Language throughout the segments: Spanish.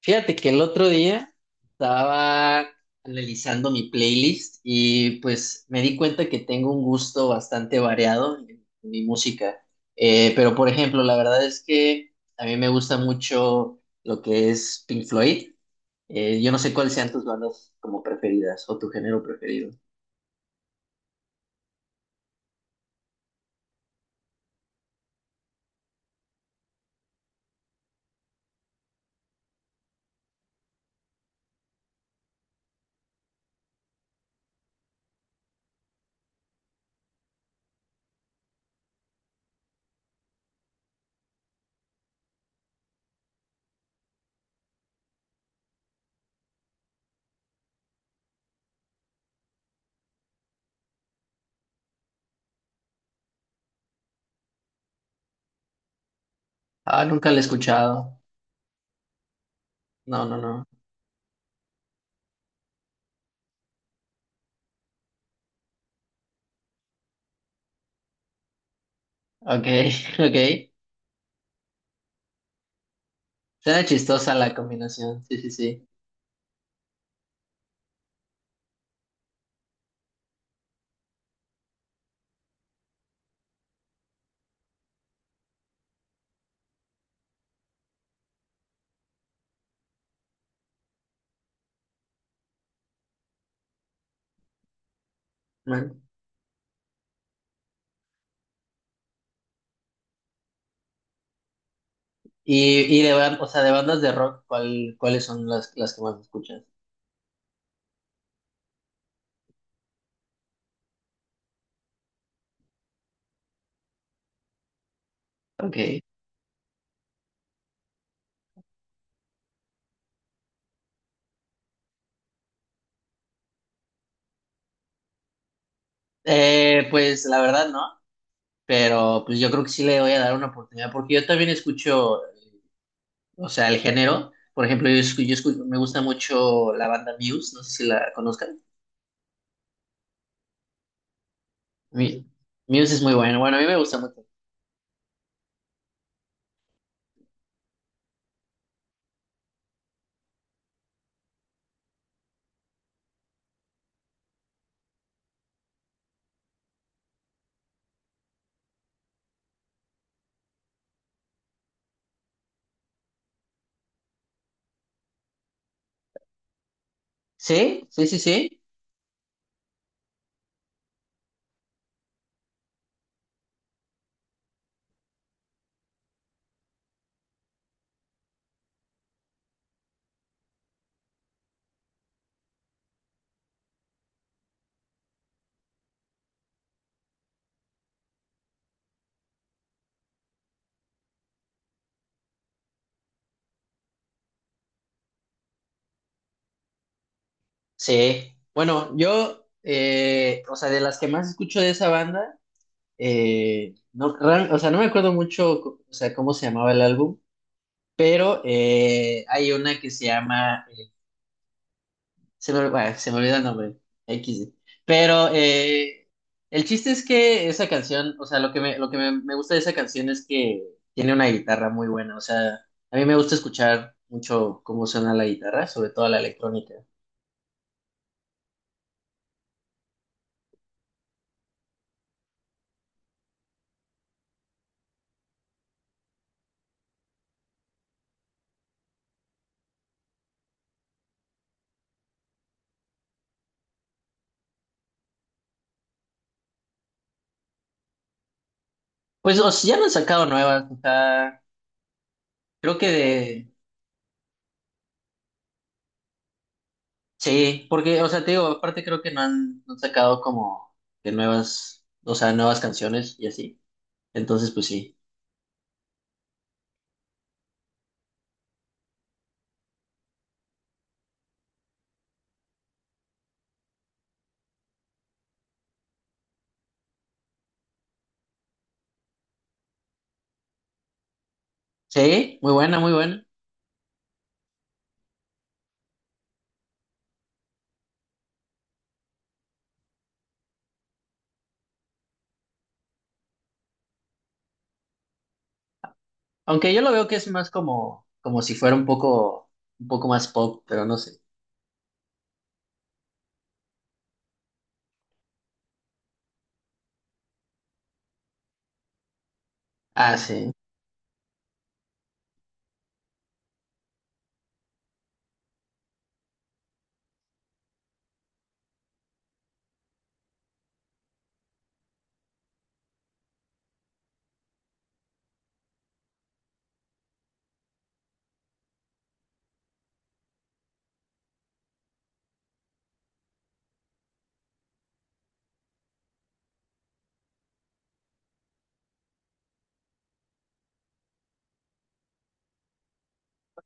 Fíjate que el otro día estaba analizando mi playlist y pues me di cuenta que tengo un gusto bastante variado en mi música. Pero por ejemplo, la verdad es que a mí me gusta mucho lo que es Pink Floyd. Yo no sé cuáles sean tus bandas como preferidas o tu género preferido. Ah, nunca la he escuchado. No, no, no. Ok, ok. Suena chistosa la combinación. Sí, sí, sí. O sea, de bandas de rock, ¿cuál, cuáles son las que más escuchas? Ok. Pues la verdad no, pero pues yo creo que sí le voy a dar una oportunidad porque yo también escucho, o sea, el género. Por ejemplo, me gusta mucho la banda Muse, no sé si la conozcan. Mi- Muse es muy bueno, bueno, a mí me gusta mucho. Sí, sí, sí, sí. Sí. Bueno, o sea, de las que más escucho de esa banda, o sea, no me acuerdo mucho, o sea, cómo se llamaba el álbum. Pero hay una que se llama, se me, bueno, se me olvida el nombre. X. Sí. Pero el chiste es que esa canción, o sea, me gusta de esa canción es que tiene una guitarra muy buena. O sea, a mí me gusta escuchar mucho cómo suena la guitarra, sobre todo la electrónica. Pues o sea, ya no han sacado nuevas, o sea, creo que de, sí, porque, o sea, te digo, aparte creo que no han sacado como de nuevas, o sea, nuevas canciones y así. Entonces, pues sí. Sí, muy buena, muy buena. Aunque yo lo veo que es más como, como si fuera un poco más pop, pero no sé. Ah, sí.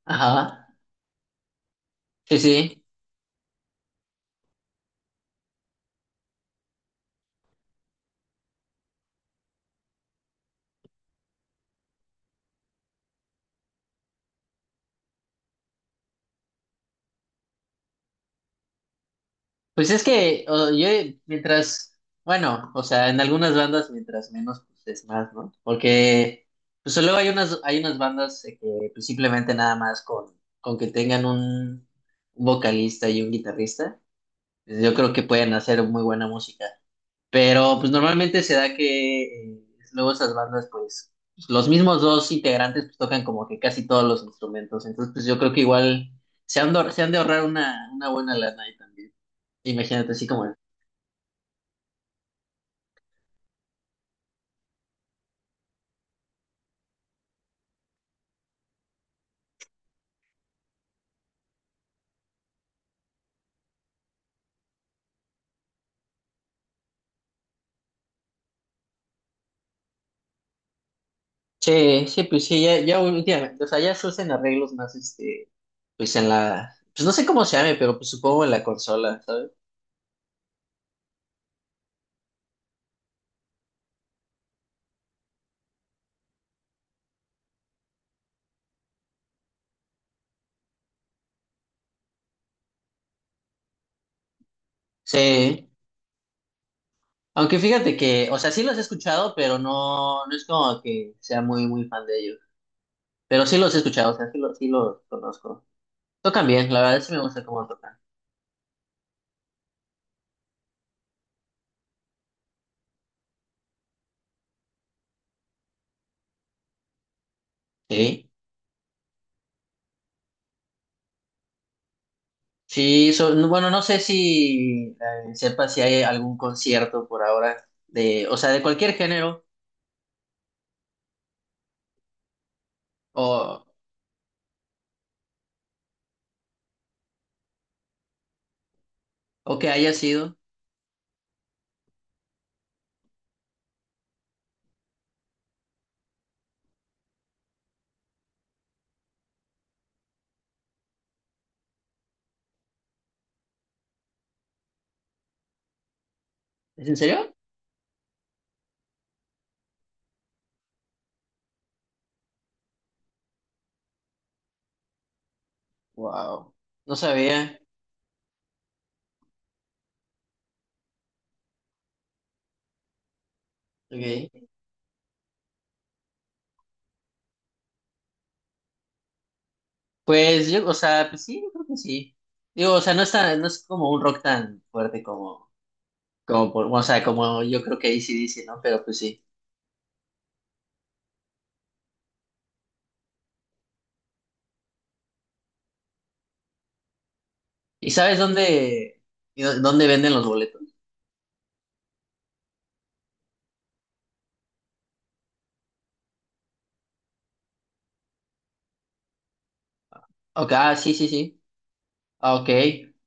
Ajá. Sí, sí. Pues es que yo mientras, bueno, o sea, en algunas bandas mientras menos, pues es más, ¿no? Porque pues luego hay unas bandas que pues, simplemente nada más con que tengan un vocalista y un guitarrista, pues, yo creo que pueden hacer muy buena música. Pero pues normalmente se da que eh, luego esas bandas, pues los mismos dos integrantes pues, tocan como que casi todos los instrumentos. Entonces, pues yo creo que igual se han de ahorrar una buena lana ahí también. Imagínate así como, sí, sí, pues sí, ya, ya últimamente, o sea, ya se usan arreglos más, este, pues en la, pues no sé cómo se llame, pero pues supongo en la consola, ¿sabes? Sí. Aunque fíjate que, o sea, sí los he escuchado, pero no, no es como que sea muy, muy fan de ellos. Pero sí los he escuchado, o sea, sí los conozco. Tocan bien, la verdad sí me gusta cómo tocan. Sí, sí, bueno, no sé si sepa si hay algún concierto por ahora de, o sea, de cualquier género o, o que haya sido. ¿Es en serio? Wow, no sabía. Ok. Pues yo, o sea, pues sí, yo creo que sí. Digo, o sea, no está, no es como un rock tan fuerte como, o sea, como yo creo que AC/DC, ¿no? Pero pues sí. ¿Y sabes dónde, y dónde venden los boletos? Ok, ah, sí, sí, sí. Ah, ok,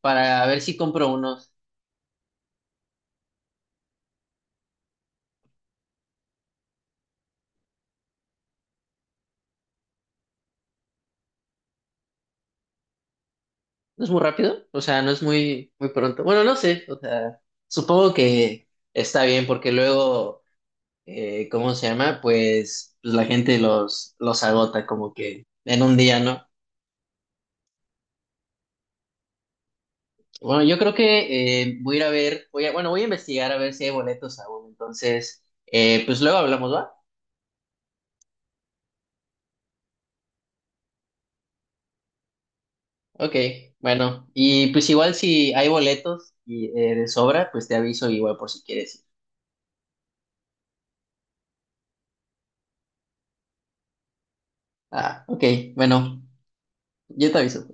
para ver si compro unos. No es muy rápido, o sea, no es muy, muy pronto. Bueno, no sé, o sea, supongo que está bien porque luego, ¿cómo se llama? Pues, pues la gente los agota como que en un día, ¿no? Bueno, yo creo que voy a ir a ver, voy a, bueno, voy a investigar a ver si hay boletos aún. Entonces, pues luego hablamos, ¿va? Ok, bueno, y pues igual si hay boletos y, de sobra, pues te aviso igual por si quieres ir. Ah, ok, bueno. Yo te aviso.